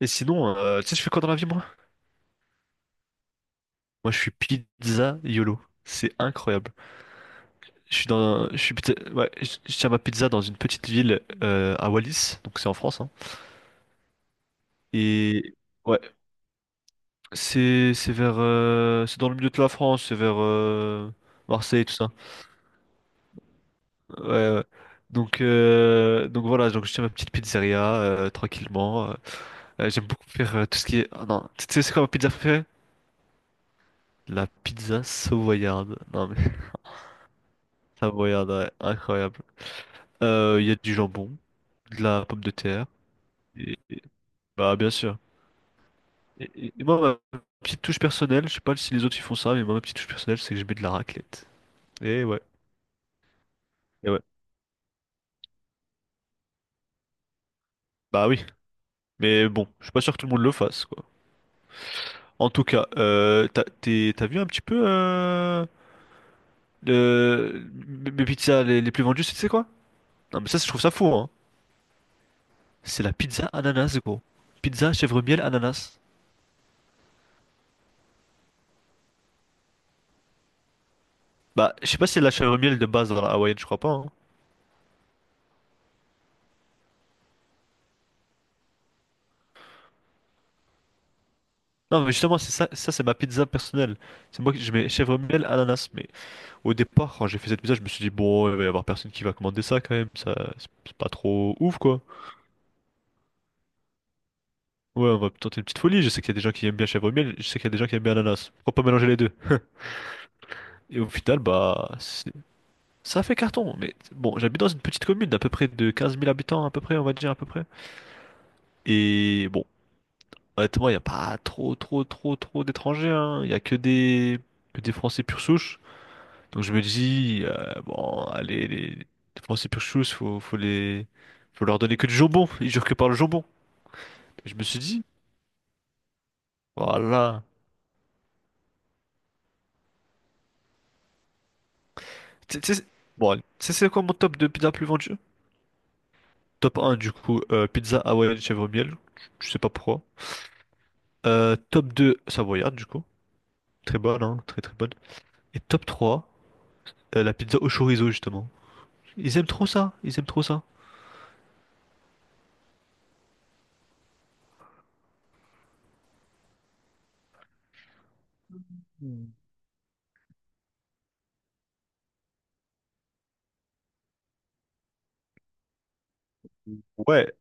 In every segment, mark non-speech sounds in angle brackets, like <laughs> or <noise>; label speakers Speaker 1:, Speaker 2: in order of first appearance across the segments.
Speaker 1: Et sinon, tu sais, je fais quoi dans la vie, moi? Moi, je suis pizza YOLO. C'est incroyable. Je suis dans, je suis pizza- ouais, je tiens ma pizza dans une petite ville à Wallis, donc c'est en France, hein. Et ouais, c'est vers, c'est dans le milieu de la France, c'est vers Marseille, tout ça. Ouais, ouais. Donc voilà, donc je tiens ma petite pizzeria tranquillement. J'aime beaucoup faire tout ce qui est. Ah non, tu sais, c'est quoi ma pizza préférée? La pizza savoyarde. Non mais <laughs> savoyarde, ouais, incroyable. Il y a du jambon, de la pomme de terre, et, et- bah bien sûr. Et moi, ma petite touche personnelle, je sais pas si les autres ils font ça, mais moi, ma petite touche personnelle, c'est que je mets de la raclette. Et ouais, et ouais. Bah oui, mais bon, je suis pas sûr que tout le monde le fasse, quoi. En tout cas, t'as vu un petit peu le- mes pizzas les plus vendues, tu sais quoi? Non, mais ça, je trouve ça fou, hein. C'est la pizza ananas, gros. Pizza chèvre miel ananas. Bah, je sais pas si c'est la chèvre miel de base dans la hawaïenne, je crois pas, hein. Non, mais justement, c'est ça, ça c'est ma pizza personnelle. C'est moi qui je mets chèvre miel, ananas. Mais au départ, quand j'ai fait cette pizza, je me suis dit, bon, il va y avoir personne qui va commander ça quand même. Ça, c'est pas trop ouf, quoi. Ouais, on va tenter une petite folie. Je sais qu'il y a des gens qui aiment bien chèvre miel, je sais qu'il y a des gens qui aiment bien ananas. Pourquoi pas mélanger les deux? Et au final, bah, ça a fait carton. Mais bon, j'habite dans une petite commune d'à peu près de 15 000 habitants, à peu près, on va dire, à peu près. Et bon, honnêtement, il n'y a pas trop, trop, trop, trop d'étrangers, hein. Il n'y a que des Français pure souche. Donc je me dis, bon, allez, les Français pure chose, faut leur donner que du jambon. Ils jurent que par le jambon. Et je me suis dit, voilà. Tu sais, bon, allez. Tu sais c'est quoi mon top de pizza plus vendue? Top un du coup, pizza hawaïenne chèvre miel. Je sais pas pourquoi. Top 2 savoyarde, du coup. Très bonne, hein, très très bonne. Et top 3 la pizza au chorizo, justement. Ils aiment trop ça, ils aiment trop ça. Hmm. Ouais,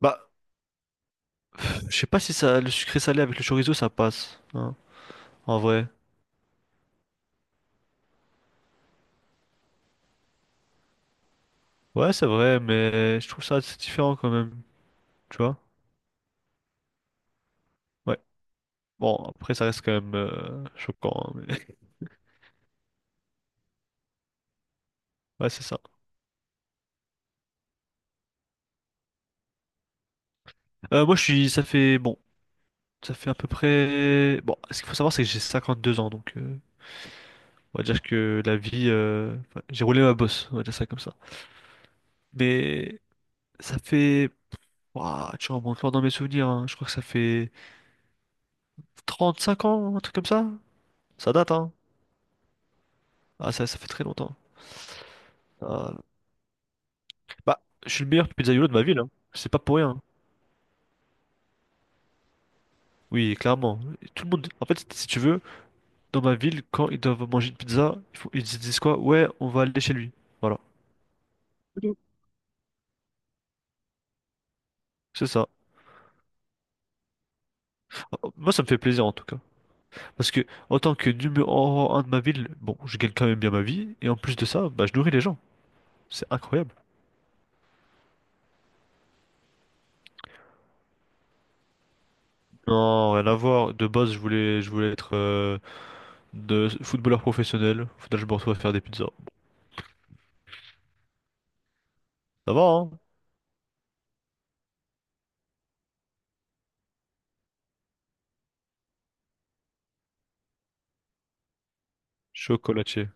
Speaker 1: bah, je sais pas si ça, le sucré salé avec le chorizo, ça passe, hein, en vrai. Ouais, c'est vrai, mais je trouve ça assez différent quand même, tu vois? Ouais. Bon, après, ça reste quand même choquant, hein, mais... <laughs> Ouais, c'est ça. Moi, je suis... Ça fait... Bon, ça fait à peu près... Bon, ce qu'il faut savoir, c'est que j'ai 52 ans, donc... on va dire que la vie... enfin, j'ai roulé ma bosse, on va dire ça comme ça. Mais ça fait... Ouah, tu remontes loin dans mes souvenirs, hein. Je crois que ça fait 35 ans, un truc comme ça. Ça date, hein. Ah, ça fait très longtemps. Ah, bah, je suis le meilleur pizzaïolo de ma ville, hein. C'est pas pour rien. Oui, clairement. Tout le monde. En fait, si tu veux, dans ma ville, quand ils doivent manger une pizza, ils se disent quoi? Ouais, on va aller chez lui. Voilà. Mm. C'est ça. Moi, ça me fait plaisir en tout cas. Parce que, en tant que numéro un de ma ville, bon, je gagne quand même bien ma vie. Et en plus de ça, bah, je nourris les gens. C'est incroyable. Non, rien à voir. De base, je voulais être de footballeur professionnel. Faudrait que je me retrouve à faire des pizzas. Ça va, hein? Chocolatier.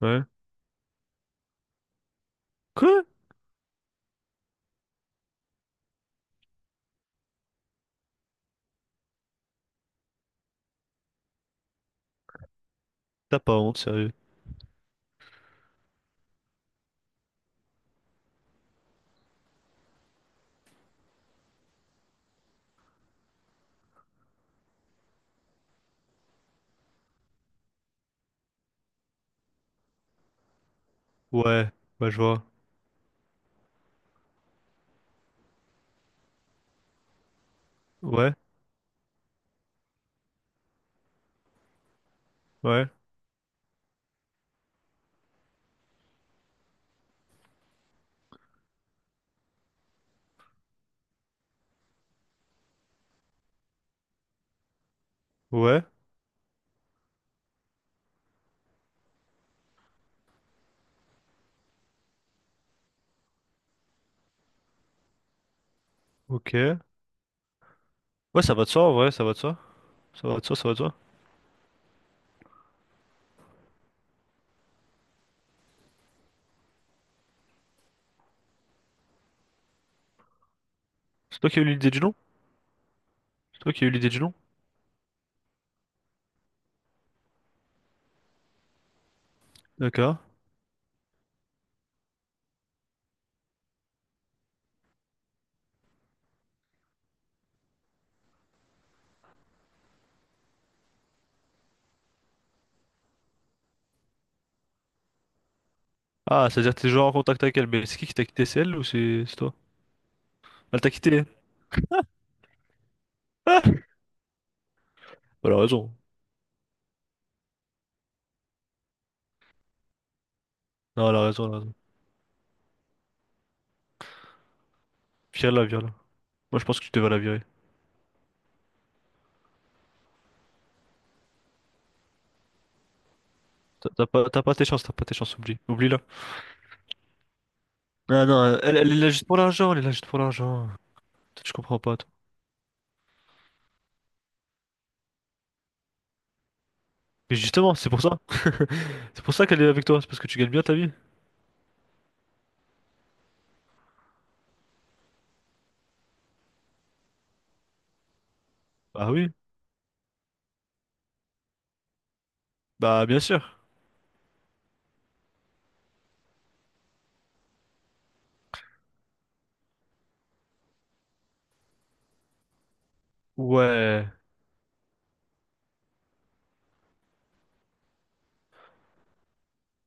Speaker 1: Ouais. Quoi? T'as pas honte, sérieux? Ouais. Bah, je vois. Ouais. Ouais. Ouais. Ok. Ouais, ça va de soi, en vrai, ça va de soi. Ça va de soi, ça va de soi. C'est toi qui as eu l'idée du nom? C'est toi qui as eu l'idée du nom? D'accord. Ah, c'est-à-dire que t'es toujours en contact avec elle, mais c'est qui t'a quitté? C'est elle ou c'est toi? Elle t'a quitté? Ah! <laughs> Bah, elle a raison. Non, elle a raison, elle a raison. Vire-la, vire-la. Moi, je pense que tu devais la virer. T'as pas, t'as pas tes chances, t'as pas tes chances, oublie. Oublie-la. Non, non, elle, elle est là juste pour l'argent, elle est là juste pour l'argent. Toi, tu comprends pas, toi. Mais justement, c'est pour ça. <laughs> C'est pour ça qu'elle est avec toi, c'est parce que tu gagnes bien ta vie. Bah oui. Bah, bien sûr. Ouais.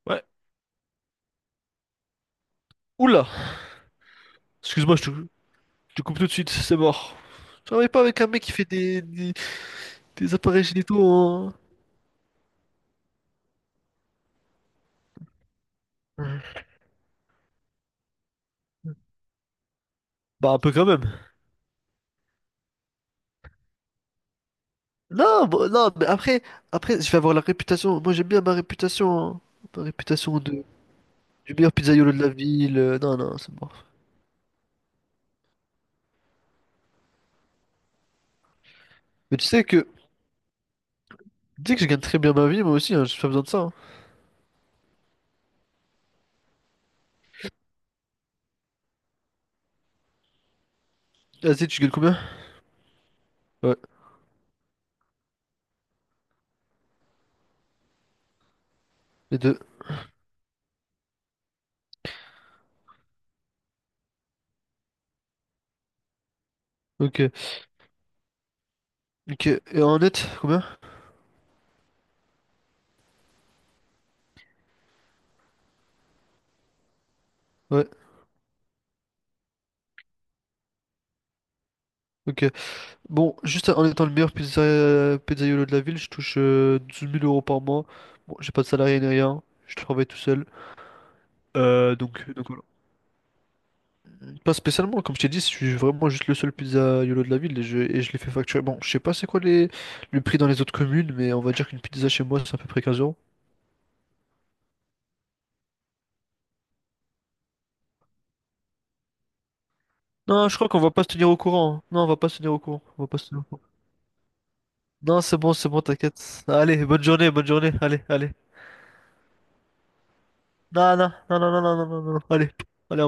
Speaker 1: Ouais. Oula! Excuse-moi, je touche. Tu coupes tout de suite, c'est mort. Je travaille pas avec un mec qui fait des appareils génitaux en... Bah un peu quand même. Non, bon, non, mais après, je vais avoir la réputation. Moi j'aime bien ma réputation, hein. Ma réputation de du meilleur pizzaïolo de la ville. Non, non, c'est mort. Mais tu sais que. Tu sais que je gagne très bien ma vie, moi aussi, hein, j'ai pas besoin de ça, hein. Vas-y, tu gagnes combien? Ouais, les deux. Ok. Ok. Et en net, combien? Ouais, ok. Bon, juste en étant le meilleur pizzaiolo de la ville, je touche 12 000 euros par mois. Bon, j'ai pas de salarié ni rien, je travaille tout seul. Donc voilà. Pas spécialement, comme je t'ai dit, je suis vraiment juste le seul pizzaiolo de la ville et je les fais facturer. Bon, je sais pas c'est quoi le prix dans les autres communes, mais on va dire qu'une pizza chez moi, c'est à peu près 15 euros. Non, je crois qu'on va pas se tenir au courant, hein. Non, on va pas se tenir au courant. On va pas se tenir au courant. Non, c'est bon, t'inquiète. Allez, bonne journée, bonne journée. Allez, allez. Non, non, non, non, non, non, non, non, non. Allez, allez, au revoir.